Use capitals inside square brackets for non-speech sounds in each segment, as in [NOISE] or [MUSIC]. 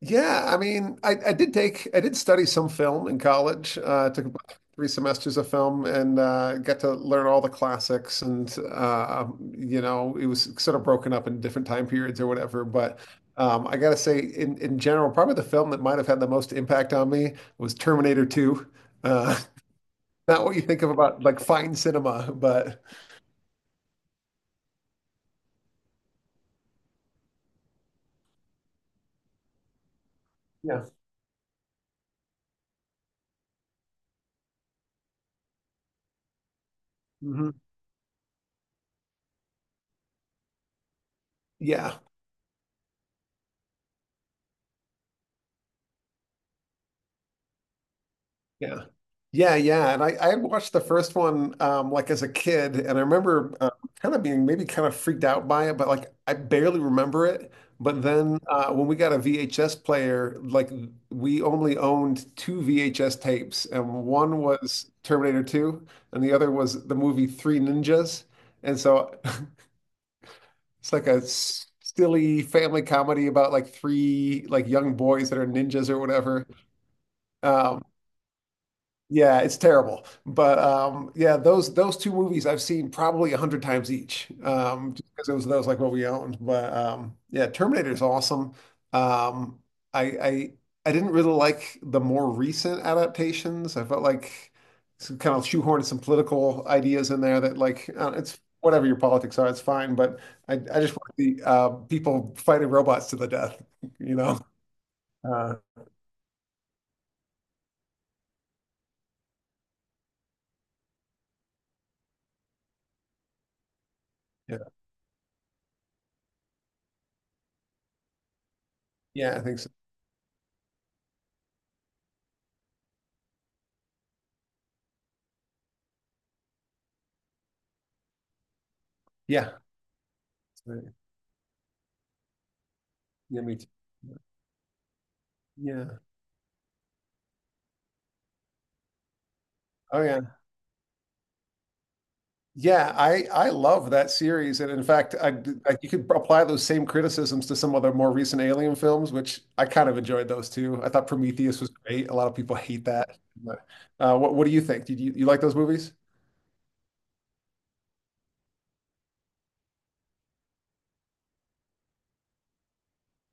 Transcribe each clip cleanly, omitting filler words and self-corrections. Yeah, I mean, I did study some film in college. Took about three semesters of film, and got to learn all the classics. And it was sort of broken up in different time periods or whatever. But I gotta say, in general, probably the film that might have had the most impact on me was Terminator 2. Uh, [LAUGHS] not what you think of about like fine cinema, but yeah, hmm, yeah. Yeah. Yeah, yeah. And I had watched the first one like as a kid, and I remember kind of being maybe kind of freaked out by it, but like I barely remember it. But then when we got a VHS player, like we only owned two VHS tapes, and one was Terminator 2, and the other was the movie Three Ninjas. And so [LAUGHS] it's like a silly family comedy about like three like young boys that are ninjas or whatever. um, Yeah, it's terrible. But yeah, those two movies I've seen probably 100 times each, just because it was those like what we owned. But yeah, Terminator is awesome. Um, I I didn't really like the more recent adaptations. I felt like some kind of shoehorned some political ideas in there that like it's whatever your politics are, it's fine. But I just want the people fighting robots to the death, [LAUGHS] you know? Uh, yeah, yeah, I think so. Yeah, yeah, me too. Yeah. Oh yeah. Yeah, I love that series, and in fact I you could apply those same criticisms to some of the more recent Alien films, which I kind of enjoyed those too. I thought Prometheus was great. A lot of people hate that. But what do you think? Did you like those movies?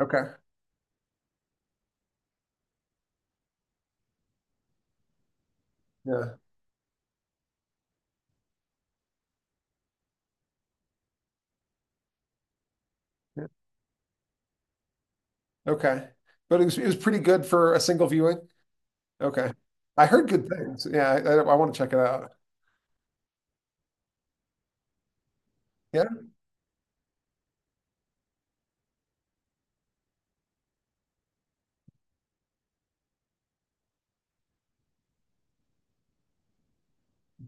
Okay. Yeah. Yeah. Okay. But it was pretty good for a single viewing. Okay. I heard good things. Yeah, I want to check it out. Yeah.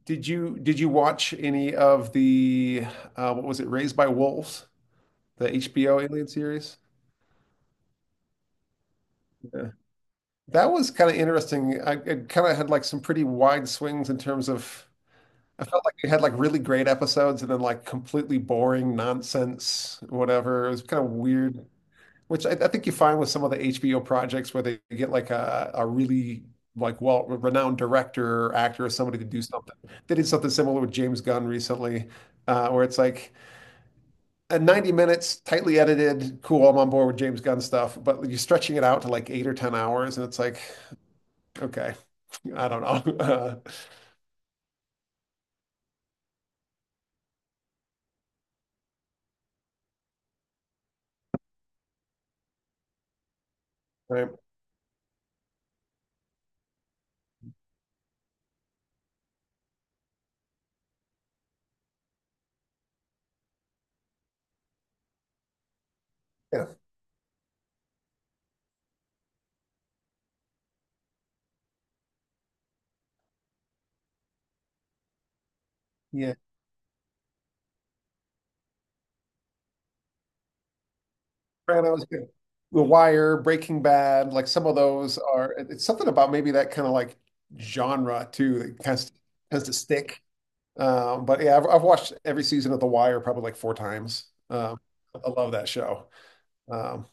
Did you watch any of the what was it? Raised by Wolves, the HBO Alien series? That was kind of interesting. I It kind of had like some pretty wide swings in terms of, I felt like it had like really great episodes and then like completely boring nonsense, whatever. It was kind of weird, which I think you find with some of the HBO projects where they get like a really like well renowned director or actor or somebody to do something. They did something similar with James Gunn recently, where it's like 90 minutes, tightly edited, cool, I'm on board with James Gunn stuff, but you're stretching it out to like eight or 10 hours, and it's like, okay. I don't know. [LAUGHS] Right. Yeah. Yeah. Sopranos, yeah. The Wire, Breaking Bad, like some of those are. It's something about maybe that kind of like genre too that tends to, tends to stick. But yeah, I've watched every season of The Wire probably like four times. I love that show. Um,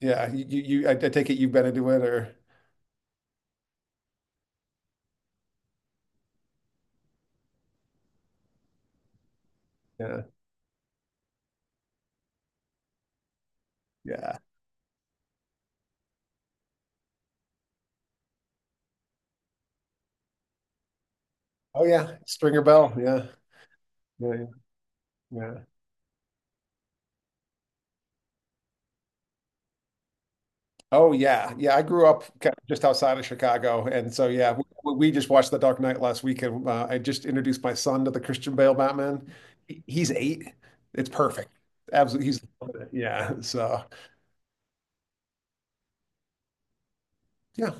yeah, I take it you've been into it or yeah, yeah. Oh yeah, Stringer Bell. Yeah, yeah, yeah. Oh yeah, yeah. I grew up kind of just outside of Chicago, and so yeah, we just watched The Dark Knight last week, and I just introduced my son to the Christian Bale Batman. He's 8. It's perfect. Absolutely, he's loving it. Yeah. So yeah,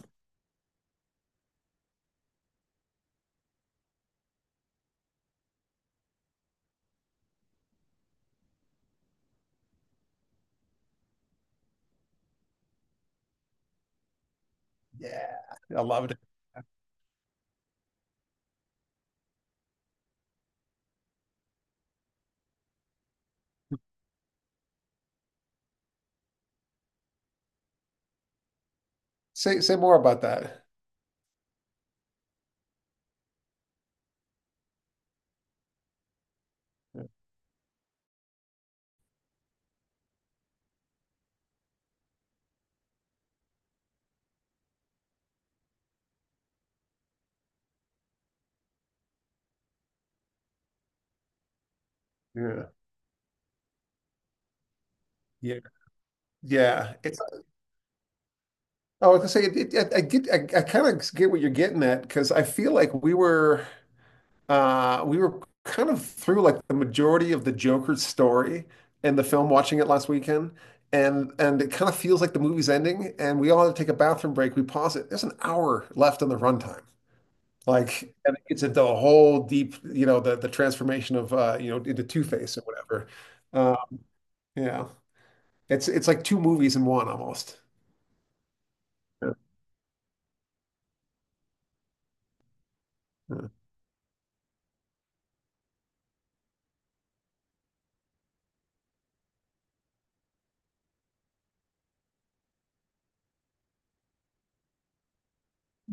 yeah. I loved it. Say more about that. Yeah. Yeah. Yeah. It's, oh, I was gonna say, it, I get, I kind of get what you're getting at because I feel like we were. We were kind of through like the majority of the Joker's story and the film watching it last weekend. And it kind of feels like the movie's ending, and we all had to take a bathroom break. We pause it. There's an hour left on the runtime. Like, and it gets into a whole deep, you know, the transformation of you know, into Two-Face or whatever. Uh, yeah. It's like two movies in one almost. Yeah.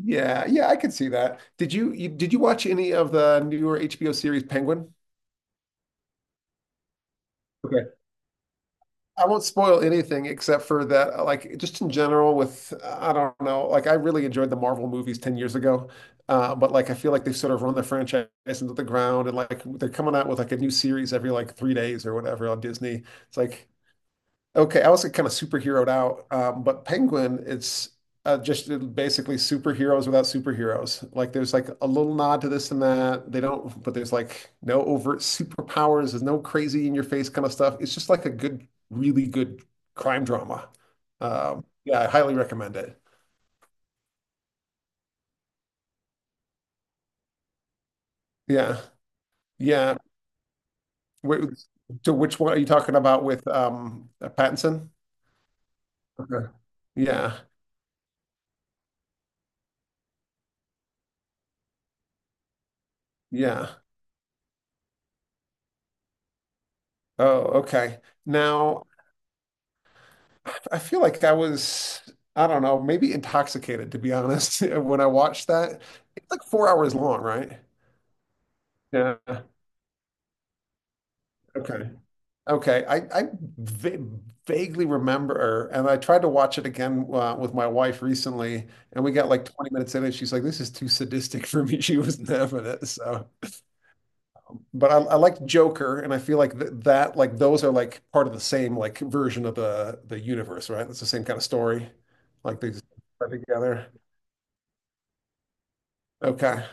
Yeah, yeah, I could see that. Did you watch any of the newer HBO series Penguin? I won't spoil anything except for that, like just in general with, I don't know, like I really enjoyed the Marvel movies 10 years ago. But like I feel like they've sort of run the franchise into the ground, and like they're coming out with like a new series every like 3 days or whatever on Disney. It's like, okay, I was kind of superheroed out, but Penguin, it's just basically superheroes without superheroes. Like there's like a little nod to this and that. They don't, but there's like no overt superpowers. There's no crazy in your face kind of stuff. It's just like a good, really good crime drama. Yeah, I highly recommend it. Yeah, yeah. Wh- to which one are you talking about with Pattinson? Okay. Yeah, yeah. Oh, okay. Now, I feel like I was, I don't know, maybe intoxicated, to be honest, [LAUGHS] when I watched that. It's like 4 hours long, right? Yeah. Okay. Okay. I va vaguely remember, and I tried to watch it again with my wife recently, and we got like 20 minutes in, and she's like, this is too sadistic for me. [LAUGHS] She wasn't having it. So, but I liked Joker, and I feel like th that, like, those are like part of the same, like, version of the universe, right? It's the same kind of story, like, these are together. Okay.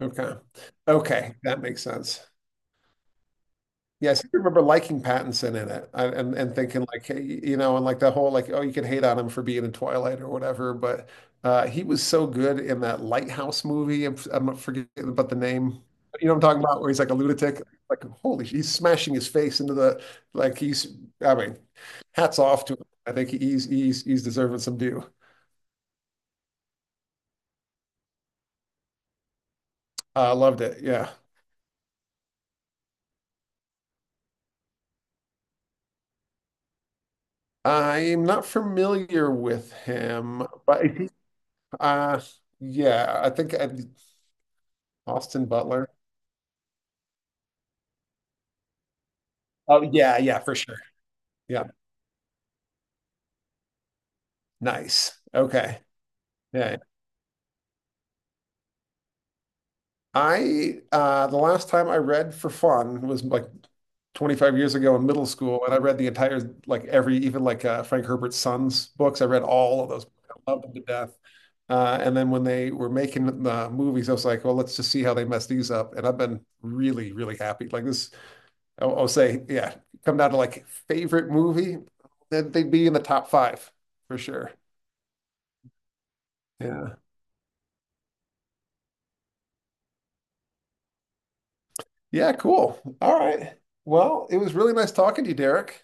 Okay. Okay, that makes sense. Yes, I seem to remember liking Pattinson in it, and thinking like, hey, you know, and like the whole like, oh, you can hate on him for being in Twilight or whatever, but he was so good in that Lighthouse movie. I'm forgetting about the name. You know what I'm talking about, where he's like a lunatic. Like holy, he's smashing his face into the like he's. I mean, hats off to him. I think he's deserving some due. I loved it. Yeah. I'm not familiar with him, but Uh, yeah, I think Austin Butler. Oh yeah, yeah, for sure. Yeah, nice. Okay. Yeah. I the last time I read for fun was like 25 years ago in middle school, and I read the entire like every even like Frank Herbert's Sons books. I read all of those. I loved them to death. And then when they were making the movies, I was like, well, let's just see how they mess these up. And I've been really, really happy. Like this I'll say, yeah, come down to like favorite movie, then they'd be in the top five for sure. Yeah. Yeah, cool. All right. Well, it was really nice talking to you, Derek.